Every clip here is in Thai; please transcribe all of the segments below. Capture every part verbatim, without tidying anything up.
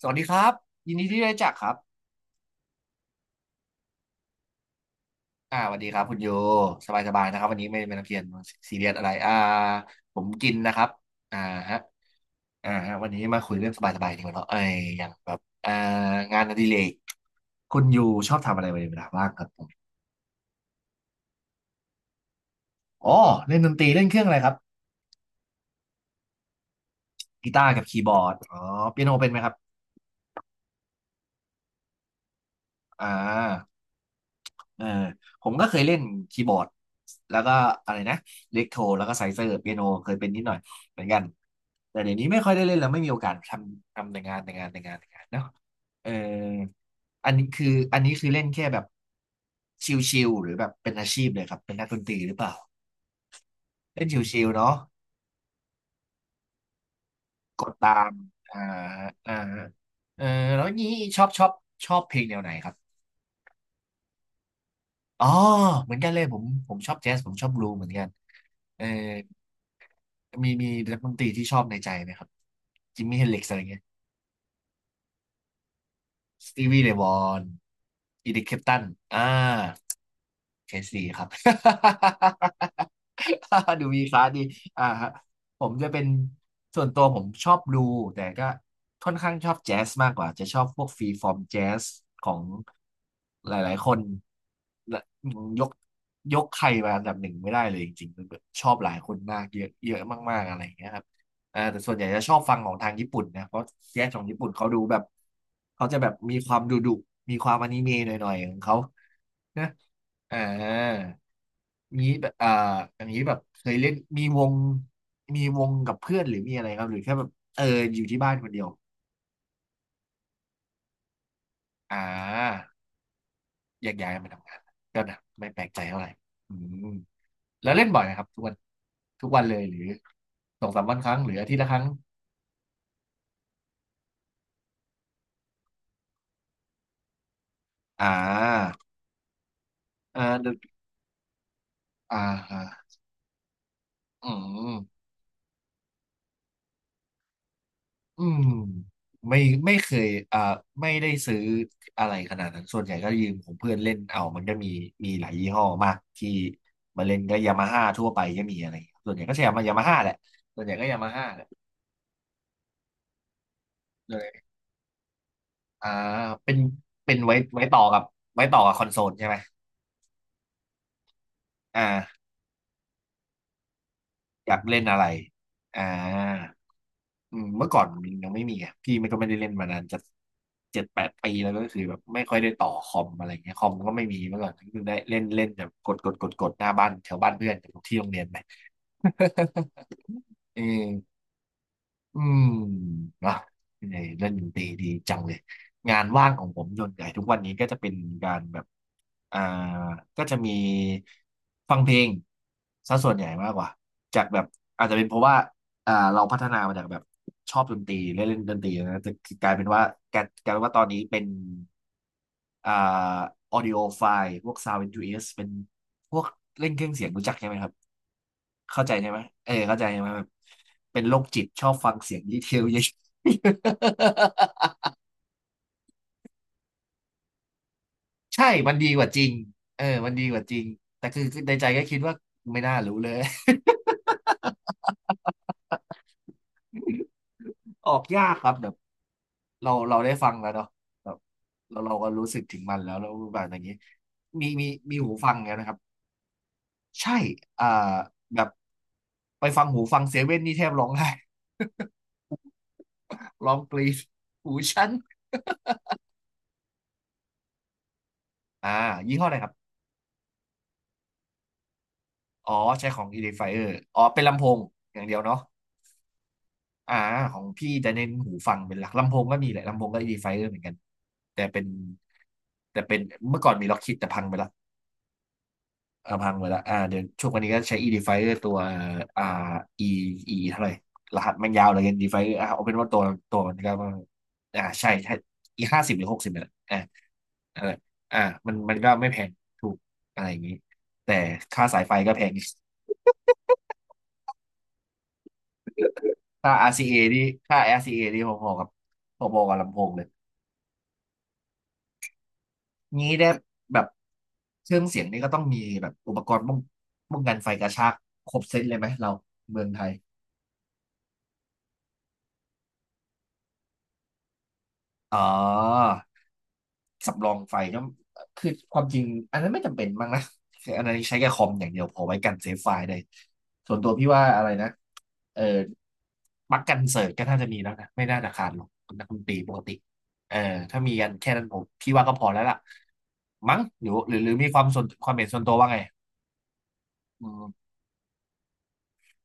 สวัสดีครับยินดีที่ได้รู้จักครับอ่าสวัสดีครับคุณโยสบายสบายนะครับวันนี้ไม่ไม่นักเรียนซีเรียสอะไรอ่าผมกินนะครับอ่าฮะอ่าฮะวันนี้มาคุยเรื่องสบายสบายดีกว่าเนาะไอ้ยอย่างแบบอ่างานอดิเรกคุณโยชอบทำอะไรในเวลาว่างครับผมอ๋อเล่นดนตรีเล่นเครื่องอะไรครับกีตาร์กับคีย์บอร์ดอ๋อเปียโนเป็นไหมครับอ่า เออผมก็เคยเล่นคีย์บอร์ดแล้วก็อะไรนะเล็กโทรแล้วก็ไซเซอร์เปียโนเคยเป็นนิดหน่อยเหมือนกันแต่เดี๋ยวนี้ไม่ค่อยได้เล่นแล้วไม่มีโอกาสทำทำแต่งานแต่งานแต่งานแต่งานเนาะเอออันนี้คืออันนี้คือเล่นแค่แบบชิลๆหรือแบบเป็นอาชีพเลยครับเป็นนักดนตรีหรือเปล่าเล่นชิลๆเนาะกดตามอ่าอ่าเออแล้วนี้ชอบชอบชอบเพลงแนวไหนครับอ๋อเหมือนกันเลยผมผมชอบแจ๊สผมชอบบลูเหมือนกันเออ มีมีนักดนตรีที่ชอบในใจไหมครับจิมมี่เฮนริกซ์อะไรเงี้ยสตีวีเรย์วอนอีดิคเคปตันอ่าเคนซีครับ ดูมีคลาสดีอ่าฮะผมจะเป็นส่วนตัวผมชอบดูส์แต่ก็ค่อนข้างชอบแจ๊สมากกว่าจะชอบพวกฟรีฟอร์มแจ๊สของหลายๆคน และยกยกใครมาอันดับหนึ่งไม่ได้เลยจริงๆมันแบบชอบหลายคนมากเยอะเยอะมากๆอะไรอย่างเงี้ยครับอ่าแต่ส่วนใหญ่จะชอบฟังของทางญี่ปุ่นนะเพราะแจ๊สของญี่ปุ่นเขาดูแบบเขาจะแบบมีความดุดุมีความอนิเมะหน่อยๆของเขานะอ่านี้แบบอ่าอันนี้แบบเคยเล่นมีวงมีวงกับเพื่อนหรือมีอะไรครับหรือแค่แบบเอออยู่ที่บ้านคนเดียวอ่าแยกย้ายมาทำงานก็นะไม่แปลกใจเท่าไหร่อืม แล้วเล่นบ่อยไหมครับทุกวันทุกวันเลยหรือสองสามวันครั้งหรืออาทิตย์ละครั้งอ่าอ่าเดี๋ยวอ่าฮะอืมอืมไม่ไม่เคยอ่าไม่ได้ซื้ออะไรขนาดนั้นส่วนใหญ่ก็ยืมของเพื่อนเล่นเอามันก็มีมีหลายยี่ห้อมากที่มาเล่นก็ยามาฮ่าทั่วไปก็มีอะไรอย่างเงี้ยส่วนใหญ่ก็ใช้ยมายามาฮ่าแหละส่วนใหญ่ก็ยามาฮ่าแหละเลยอ่าเป็นเป็นไว้ไว้ต่อกับไว้ต่อกับคอนโซลใช่ไหมอ่า อยากเล่นอะไรอ่าอืมเมื่อก่อนมันยังไม่มีไงพี่มันก็ไม่ได้เล่นมานานจะเจ็ดแปดปีแล้วก็คือแบบไม่ค่อยได้ต่อคอมอะไรเงี้ยคอมก็ไม่มีเมื่อก่อนก็คือได้เล่นเล่นแบบกดกดกดกดหน้าบ้านแถวบ้านเพื่อนที่โรงเรียนไป เออ อืมนะเออเล่นดนตรีดีจังเลยงานว่างของผมส่วนใหญ่ทุกวันนี้ก็จะเป็นการแบบอ่าก็จะมีฟังเพลงซะส่วนใหญ่มากกว่าจากแบบอาจจะเป็นเพราะว่าอ่าเราพัฒนามาจากแบบชอบดนตรีเล่นเล่นดนตรีนะแต่กลายเป็นว่ากลายกลายเป็นว่าตอนนี้เป็นอ่าออดิโอไฟล์พวก Sound เอ็น ยู เอส เอสเป็นพวกเล่นเครื่องเสียงรู้จักใช่ไหมครับ เข้าใจใช่ไหมเออเข้าใจใช่ไหมแบบเป็นโรคจิตชอบฟังเสียงดีเทลเยอะ ใช่มันดีกว่าจริงเออมันดีกว่าจริงแต่คือคือในใจก็คิดว่าไม่น่ารู้เลย ออกยากครับแบบเราเราได้ฟังแล้วเนาะแบบเราเราก็รู้สึกถึงมันแล้วแล้วแบบอย่างนี้มีมีมีหูฟังแล้วนะครับ ใช่อ่าแบบไปฟังหูฟังเซเว่นนี่แทบร้องไห้ ร้องกรีดหูฉันอ่ายี่ห้ออะไรครับ อ๋อใช้ของ Edifier อ๋อเป็นลำโพงอย่างเดียวเนาะอ่าของพี่จะเน้นหูฟังเป็นหลักลำโพงก็มีแหละลำโพงก็ Edifier เหมือนกันแต่เป็นแต่เป็นเมื่อก่อนมีล็อกคิดแต่พังไปละเออพังไปละอ่าเดี๋ยวช่วงวันนี้ก็ใช้ Edifier ตัวอ่า อี อี เท่าไหร่รหัสมันยาวเลย Edifier อ่าเอาเป็นว่าตัวตัวมันก็อ่าใช่ใช่ E ห้าสิบหรือหกสิบเนี่ยแหละอ่าอะไรอ่ามันมันก็ไม่แพงถูกอะไรอย่างนี้แต่ค่าสายไฟก็แพง ค่า อาร์ ซี เอ นี่ค่า อาร์ ซี เอ นี่พอๆกับพอๆกับลำโพงเลยงี้ได้แบบเครื่องเสียงนี่ก็ต้องมีแบบอุปกรณ์ป้องป้องกันไฟกระชากครบเซตเลยไหมเราเมืองไทยอ๋อ สำรองไฟก็คือความจริงอันนั้นไม่จำเป็นมั้งนะคืออันนั้นใช้แค่คอมอย่างเดียวพอไว้กันเซฟไฟล์ได้ส่วนตัวพี่ว่าอะไรนะเออปลั๊กกันเสิร์ตก็น่าจะมีแล้วนะไม่น่าจะขาดหรอกนักดนตรีปกติเออถ้ามีกันแค่นั้นผมพี่ว่าก็พอแล้วล่ะมั้งหรือหรือหรือมีความส่วนความเห็นส่วนตัวว่าไงอืม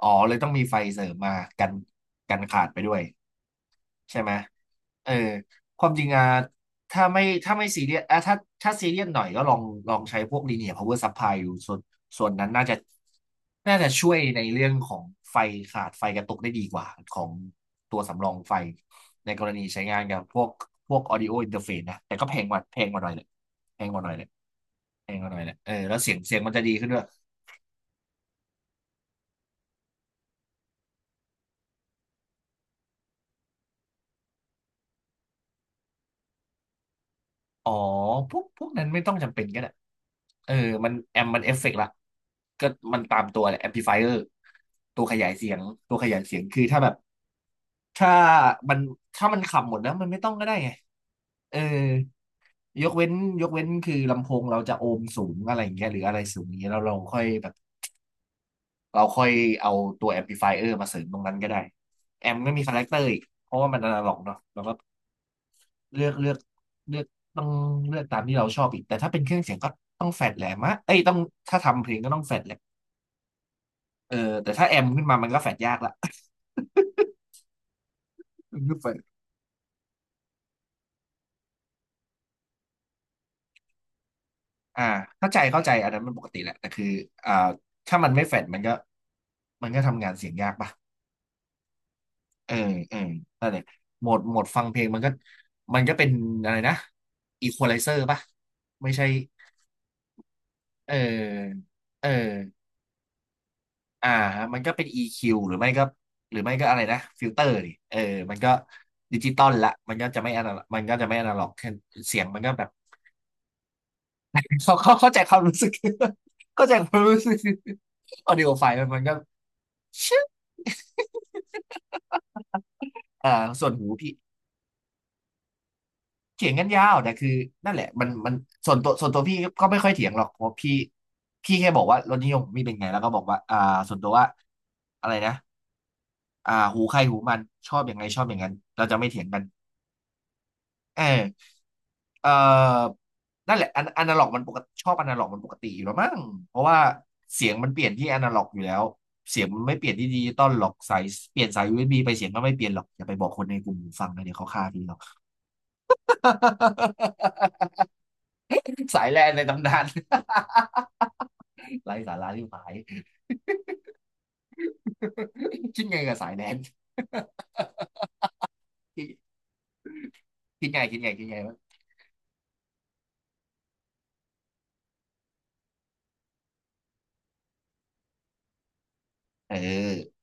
อ๋อเลยต้องมีไฟเสริมมากันกันขาดไปด้วยใช่ไหมเออความจริงอะถ้าไม่ถ้าไม่ซีเรียสอะถ้าถ้าซีเรียสหน่อยก็ลองลองใช้พวก linear power supply อยู่ส่วนส่วนนั้นน่าจะน่าจะช่วยในเรื่องของไฟขาดไฟกระตุกได้ดีกว่าของตัวสำรองไฟในกรณีใช้งานกับพวกพวก audio interface นะแต่ก็แพงกว่าแพงกว่าหน่อยเลยแพงกว่าหน่อยเลยแพงกว่าหน่อยเลยเออแล้วเสียงเสียงมันจะดีขึ้นด้วย อ๋อพวกพวกนั้นไม่ต้องจำเป็นก็ได้เออมันแอมมันเอฟเฟกต์ละก็มันตามตัวแหละแอมพลิฟายเออร์ตัวขยายเสียงตัวขยายเสียงคือถ้าแบบถ้ามันถ้ามันขับหมดแล้วมันไม่ต้องก็ได้ไงเออยกเว้นยกเว้นคือลำโพงเราจะโอห์มสูงอะไรอย่างเงี้ยหรืออะไรสูงอย่างเงี้ยเราเราค่อยแบบเราค่อยเอาตัวแอมพลิฟายเออร์มาเสริมตรงนั้นก็ได้แอมก็มีคาแรคเตอร์อีกเพราะว่ามันอนาล็อกเนาะแล้วก็ เลือกเลือกเลือกต้องเลือกตามที่เราชอบอีกแต่ถ้าเป็นเครื่องเสียงก็ต้องแฟดแหลมมะเอ้ยต้องถ้าทำเพลงก็ต้องแฟดแหละเออแต่ถ้าแอมขึ้นมามันก็แฟดยากละ มันก็แฟดอ่าเข้าใจเข้าใจอันนั้นมันปกติแหละแต่คืออ่าถ้ามันไม่แฟดมันก็มันก็ทำงานเสียงยากปะเออเออนั่นแหละโหมดโหมดฟังเพลงมันก็มันก็เป็นอะไรนะอีควอไลเซอร์ปะไม่ใช่เออเออ อ่ามันก็เป็น อี คิว หรือไม่ก็หรือไม่ก็อะไรนะฟิลเตอร์ดิเออมันก็ดิจิตอลละมันก็จะไม่อนาล็อกมันก็จะไม่อนาล็อกเสียงมันก็แบบ เขาเขาเข้าใจความรู้สึก เข้าใจความรู้สึกออดิโอไฟล์มันมันก็ ชึบอ่าส่วนหูพี่เถียงกันยาวแต่คือนั่นแหละมันมันส่วนตัวส่วนตัวพี่ก็ไม่ค่อยเถียงหรอกเพราะพี่พี่แค่บอกว่ารสนิยมของพี่เป็นไงแล้วก็บอกว่าอ่าส่วนตัวว่าอะไรนะอ่าหูใครหูมันชอบอย่างไงชอบอย่างนั้นเราจะไม่เถียงกัน เออเออนั่นแหละอนอนาล็อกมันปกติชอบอนาล็อกมันปกติอยู่แล้วมั้งเพราะว่าเสียงมันเปลี่ยนที่อนาล็อกอยู่แล้วเสียงมันไม่เปลี่ยนที่ดิจิตอลหรอกสายเปลี่ยนสาย ยู เอส บี ไปเสียงก็ไม่เปลี่ยนหรอกอย่าไปบอกคนในกลุ่มฟังนะเดี๋ยวเขาฆ่าทีหรอก สายแลนในตำนานไร้สาระที่หาย คิดไงกับสายแลน คิดคิดไงคิดไงคิดไงวะเออ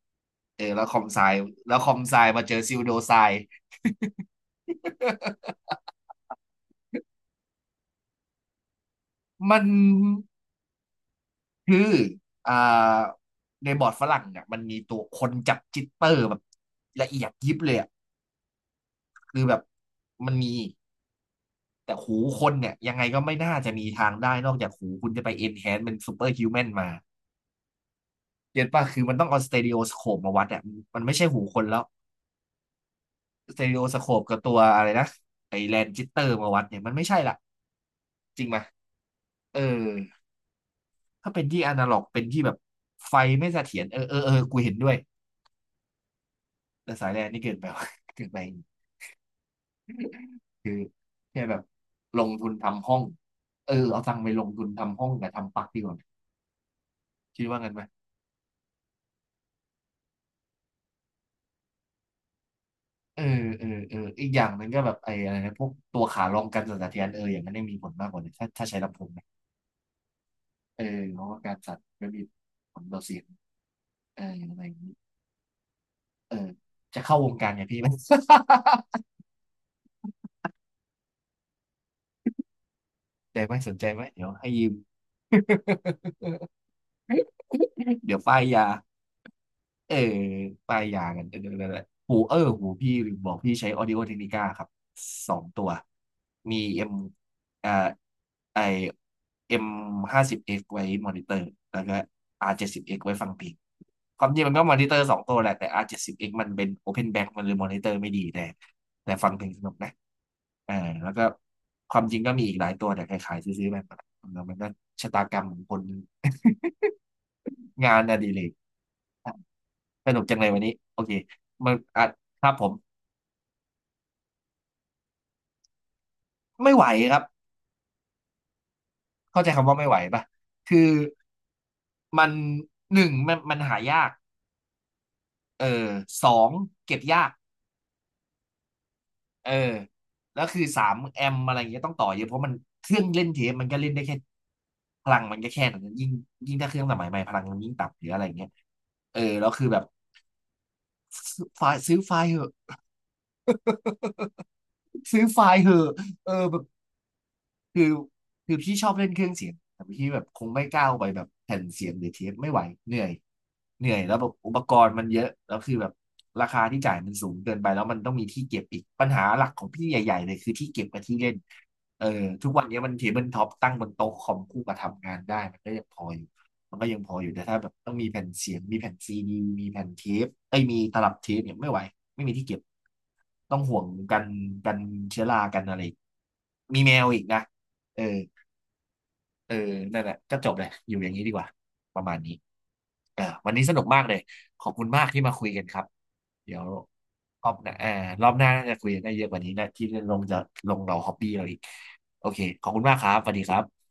เออแล้วคอมไซแล้วคอมไซมาเจอซิลโดไซมัน คืออ่าในบอร์ดฝรั่งเนี่ยมันมีตัวคนจับจิตเตอร์แบบละเอียดยิบเลยอะคือแบบมันมีแต่หูคนเนี่ยยังไงก็ไม่น่าจะมีทางได้นอกจากหูคุณจะไป enhance เป็น super human มาเก็ตป่ะคือมันต้องเอาสเต r ร o โอสโคปมาวัดเนี่ยมันไม่ใช่หูคนแล้วสเต r ร o โอสโคปกับตัวอะไรนะไอแลนจิตเตอร์มาวัดเนี่ยมันไม่ใช่ละจริงไหมยเออถ้าเป็นที่อนาล็อกเป็นที่แบบไฟไม่เสถียรเออเออเออกูเห็นด้วยแต่สายแลนนี่เกินไปว่ะ เกินไป คือแค่แบบลงทุนทำห้องเออเอาตังค์ไปลงทุนทำห้องกับทำปลั๊กดีกว่าคิดว่างั้นไหมเออเออเอออีกอย่างหนึ่งก็แบบไอ้อะไรนะพวกตัวขาลองกันสั่นสะเทือนเอออย่างนั้นได้มีผลมากกว่านีถ้าถ้าใช้ลำโพงนะเออเพราะว่าการสั่นไม่มีผลต่อเสียงเอออะไรอย่างนี้เออจะเข้าวงการเนี่ยพี่ไหม สนใจ ไหมสนใจไหมเดี๋ยวให้ยืม เดี๋ยวป้ายยา เออปลายยางกันเออนัแหหูเออหูพี่ลืมบอกพี่ใช้ Audio Technica ครับสองตัวมีเอ็มอ่าไอเอ็มห้าสิบเอ็กไว้มอนิเตอร์แล้วก็ R เจ็ดสิบเอ็กซ์ไว้ฟังเพลงความจริงมันก็มอนิเตอร์สองตัวแหละแต่ R เจ็ดสิบเอ็กซ์มันเป็น Open Back มันเลยมอนิเตอร์ไม่ดีแต่แต่ฟังเพลงสนุกนะเออแล้วก็ความจริงก็มีอีกหลายตัวแต่ขายๆซื้อๆแบบมันมันก็ชะตากรรมของคนงานอดิเรก สนุกจังเลยวันนี้โอเคมันอ่ะครับผมไม่ไหวครับเข้าใจคำว่าไม่ไหวป่ะคือมันหนึ่งมันมันหายากเออสองเก็บยากเออแล้วคือสามแอมอะไรอย่างเงี้ยต้องต่อเยอะเพราะมันเครื่องเล่นเทปมันก็เล่นได้แค่พลังมันก็แค่นั้นยิ่งยิ่งถ้าเครื่องสมัยใหม่พลังมันยิ่งต่ำหรืออะไรอย่างเงี้ยเออแล้วคือแบบซื้อไฟล์ซื้อไฟล์เหอะซื้อไฟล์เหอะเออแบบ คือคือพี่ชอบเล่นเครื่องเสียงแต่พี่แบบคงไม่ก้าวไปแบบแผ่นเสียงหรือเทปไม่ไหวเหนื่อยเหนื่อยแล้วแบบอุปกรณ์มันเยอะแล้วคือแบบราคาที่จ่ายมันสูงเกินไปแล้วมันต้องมีที่เก็บอีกปัญหาหลักของพี่ใหญ่ๆเลยคือที่เก็บกับที่เล่นเออทุกวันนี้มันเทเบิลท็อปตั้งบนโต๊ะคอมคู่กับทำงานได้มันก็ยังพออยู่มันก็ยังพออยู่แต่ถ้าแบบต้องมีแผ่นเสียงมีแผ่นซีดีมีแผ่นเทปไอ้ยมีตลับเทปเนี่ยไม่ไหวไม่มีที่เก็บต้องห่วงกันกันเชื้อรากันอะไรอีกมีแมวอีกนะ เออเออนั่นแหละก็จบเลยอยู่อย่างนี้ดีกว่า ประมาณนี้อ่าวันนี้สนุกมากเลย ขอบคุณมากที่มาคุยกันครับเดี๋ยวรอบหน้าอ่ารอบหน้าน่าจะคุยกันได้เยอะกว่านี้นะที่ลงจะลงเราฮอบบี้เราอีกโอเคขอบคุณมากครับสวัสดีครับ